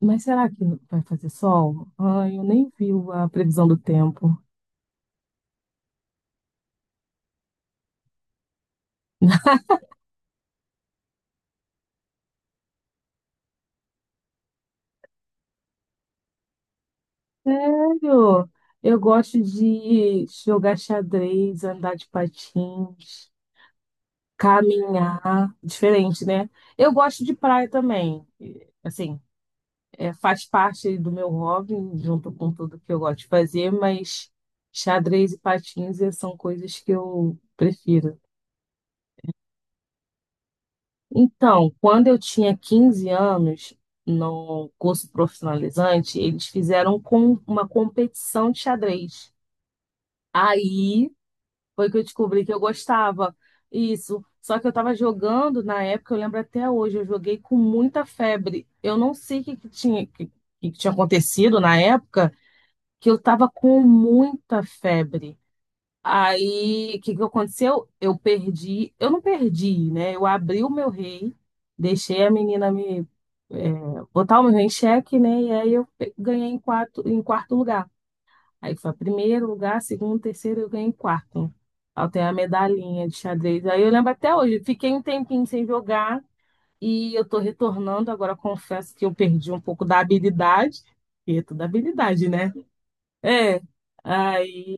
Mas será que vai fazer sol? Ai, eu nem vi a previsão do tempo. Sério? Eu gosto de jogar xadrez, andar de patins, caminhar. Diferente, né? Eu gosto de praia também. E, assim, faz parte do meu hobby, junto com tudo que eu gosto de fazer, mas xadrez e patins são coisas que eu prefiro. Então, quando eu tinha 15 anos, no curso profissionalizante, eles fizeram com uma competição de xadrez. Aí foi que eu descobri que eu gostava. Isso. Só que eu estava jogando na época, eu lembro até hoje, eu joguei com muita febre. Eu não sei o que, que tinha, que tinha acontecido na época, que eu estava com muita febre. Aí, o que que aconteceu? Eu perdi, eu não perdi, né? Eu abri o meu rei, deixei a menina me é, botar o meu rei em xeque, né? E aí eu ganhei em quarto lugar. Aí foi primeiro lugar, segundo, terceiro, eu ganhei em quarto. Aí tem a medalhinha de xadrez. Aí eu lembro até hoje, fiquei um tempinho sem jogar e eu tô retornando. Agora confesso que eu perdi um pouco da habilidade, porque é tudo habilidade, né? É. Aí,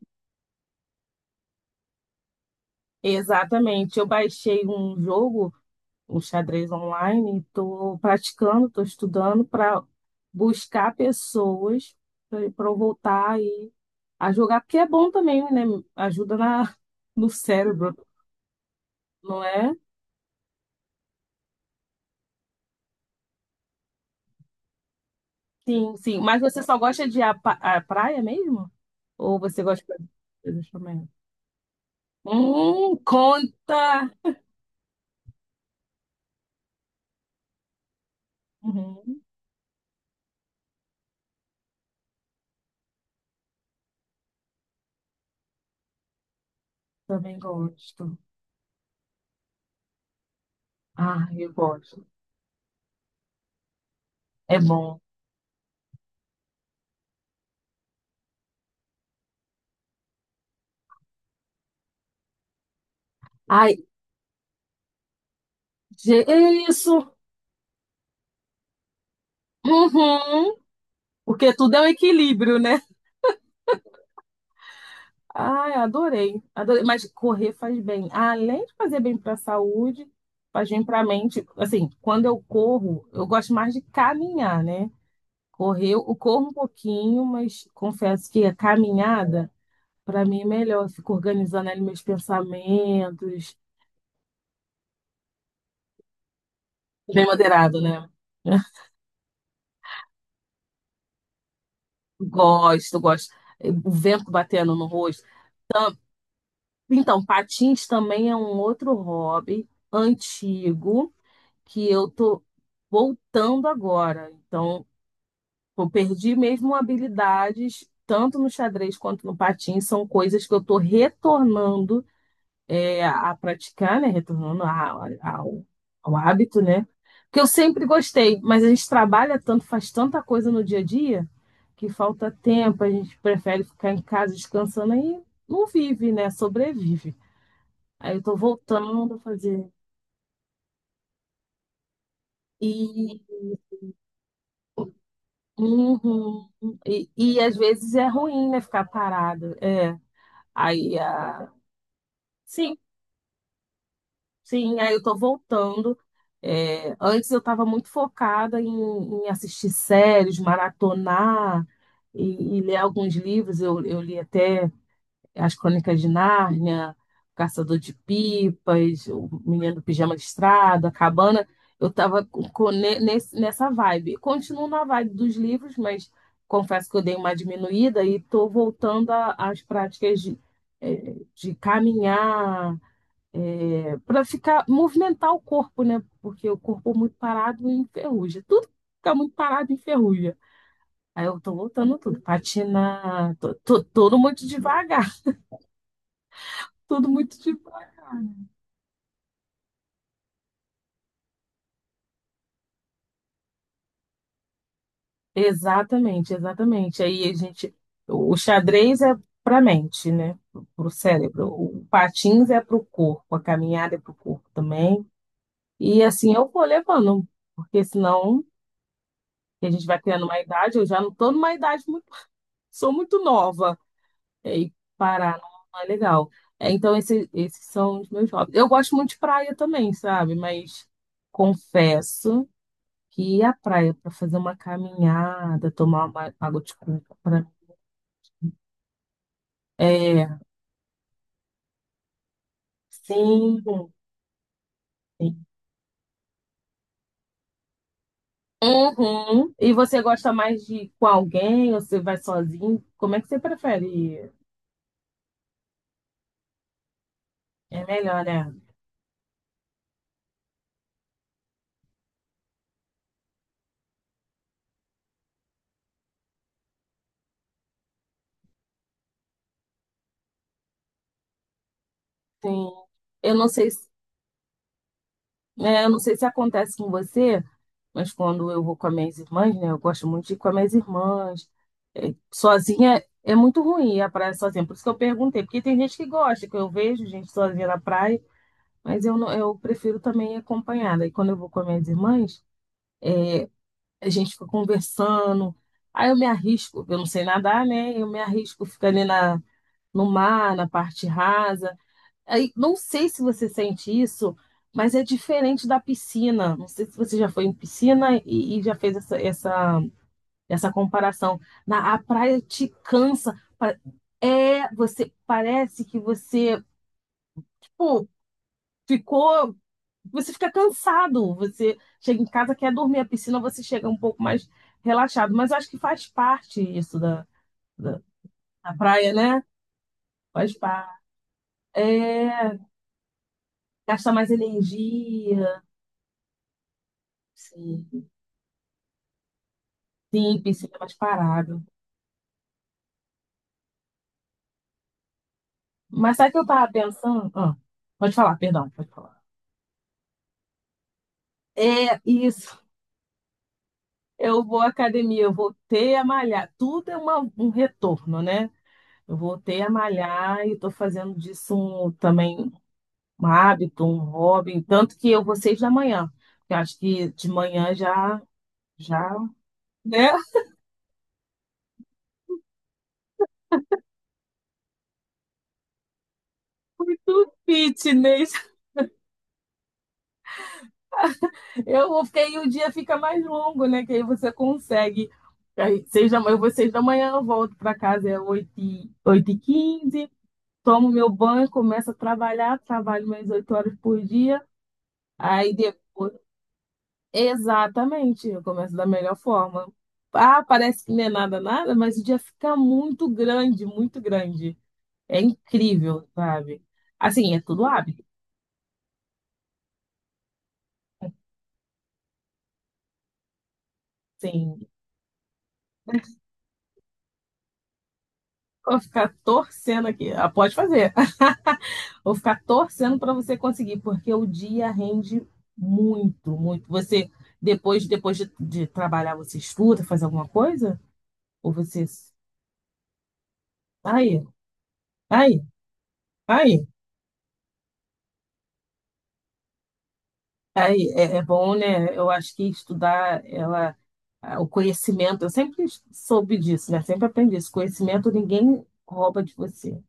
exatamente. Eu baixei um jogo, um xadrez online, estou praticando, estou estudando para buscar pessoas para eu voltar aí a jogar, porque é bom também, né? Ajuda na, no cérebro, não é? Sim, sim. Mas você só gosta de a praia mesmo? Ou você gosta de coisas também? Conta! Uhum, também gosto. Ah, eu gosto. É bom. Ai, é isso! Uhum. Porque tudo é um equilíbrio, né? Ai, adorei, adorei. Mas correr faz bem. Além de fazer bem para a saúde, faz bem para a mente. Assim, quando eu corro, eu gosto mais de caminhar, né? Correr, eu corro um pouquinho, mas confesso que a caminhada, para mim, é melhor. Eu fico organizando ali meus pensamentos. Bem moderado, né? Gosto, gosto. O vento batendo no rosto. Então, patins também é um outro hobby antigo, que eu tô voltando agora. Então, eu perdi mesmo habilidades, tanto no xadrez quanto no patins, são coisas que eu tô retornando a praticar, né? Retornando a- ao, ao hábito, né? Que eu sempre gostei, mas a gente trabalha tanto, faz tanta coisa no dia a dia, que falta tempo, a gente prefere ficar em casa descansando aí não vive, né? Sobrevive. Aí eu tô voltando a fazer. Uhum. E às vezes é ruim, né, ficar parado. É. Aí, a sim, sim, aí eu tô voltando. É, antes eu estava muito focada em assistir séries, maratonar e ler alguns livros. Eu li até. As Crônicas de Nárnia, O Caçador de Pipas, O Menino do Pijama Listrado, A Cabana. Eu estava nessa vibe. Continuo na vibe dos livros, mas confesso que eu dei uma diminuída e estou voltando às práticas de caminhar, para ficar, movimentar o corpo, né? Porque o corpo muito parado enferruja. Tudo fica muito parado enferruja. Aí eu tô voltando tudo, patinar, tô, tudo muito devagar, tudo muito. Exatamente, exatamente. Aí a gente, o xadrez é para a mente, né? Para o cérebro. O patins é para o corpo, a caminhada é para o corpo também. E assim eu vou levando, porque senão a gente vai criando uma idade. Eu já não estou numa idade muito, sou muito nova e parar não é legal. É, então esses são os meus hobbies. Eu gosto muito de praia também, sabe? Mas confesso que ir à praia para fazer uma caminhada, tomar uma água de coco. É. Sim. Uhum. E você gosta mais de ir com alguém ou você vai sozinho? Como é que você prefere ir? É melhor, né? Sim. Eu não sei se, é, eu não sei se acontece com você, mas quando eu vou com as minhas irmãs, né? Eu gosto muito de ir com as minhas irmãs. É, sozinha é muito ruim ir à praia sozinha. Por isso que eu perguntei, porque tem gente que gosta, que eu vejo gente sozinha na praia, mas eu não, eu prefiro também ir acompanhada. E quando eu vou com as minhas irmãs, a gente fica conversando. Aí eu me arrisco, eu não sei nadar, né? Eu me arrisco ficando ali na, no mar, na parte rasa. Aí não sei se você sente isso, mas é diferente da piscina. Não sei se você já foi em piscina e já fez essa comparação. A praia te cansa. É, você parece que você, tipo, ficou você fica cansado, você chega em casa, quer dormir, a piscina você chega um pouco mais relaxado, mas acho que faz parte isso da, da praia, né? Faz parte. É, gasta mais energia, sim, sim, piscina é mais parado. Mas sabe o que eu tava pensando? Ah, pode falar, perdão, pode falar. É isso. Eu vou à academia, eu voltei a malhar. Tudo é um retorno, né? Eu voltei a malhar e estou fazendo disso também um hábito, um hobby, tanto que eu vou 6 da manhã. Eu acho que de manhã já, né? Do fitness. Eu vou, porque aí o dia fica mais longo, né? Que aí você consegue. Aí, 6 da manhã, eu vou seis da manhã, eu volto para casa, é oito e quinze, tomo meu banho, começo a trabalhar, trabalho mais 8 horas por dia. Aí depois, exatamente, eu começo da melhor forma. Ah, parece que não é nada, nada, mas o dia fica muito grande, muito grande. É incrível, sabe? Assim, é tudo hábito. Sim, vou ficar torcendo aqui. Ah, pode fazer. Vou ficar torcendo para você conseguir, porque o dia rende muito, muito. Você, depois de trabalhar, você estuda, faz alguma coisa? Ou você. Aí, aí, aí. Aí, é bom, né? Eu acho que estudar, ela, ah, o conhecimento, eu sempre soube disso, né? Sempre aprendi isso. Conhecimento ninguém rouba de você.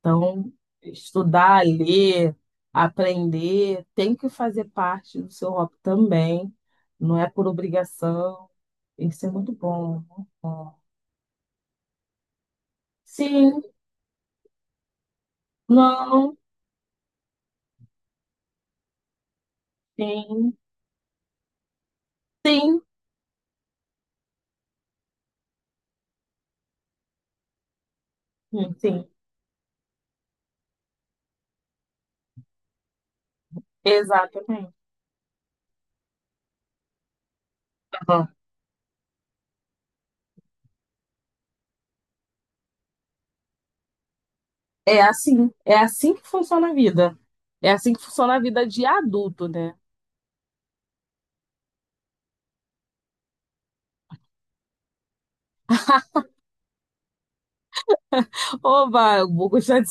Então, estudar, ler, aprender tem que fazer parte do seu hobby também. Não é por obrigação. Tem que ser muito bom, muito bom. Sim, não, sim, sim, sim, sim, exatamente. Aham. É assim que funciona a vida. É assim que funciona a vida de adulto, né? Oba, eu vou gostar de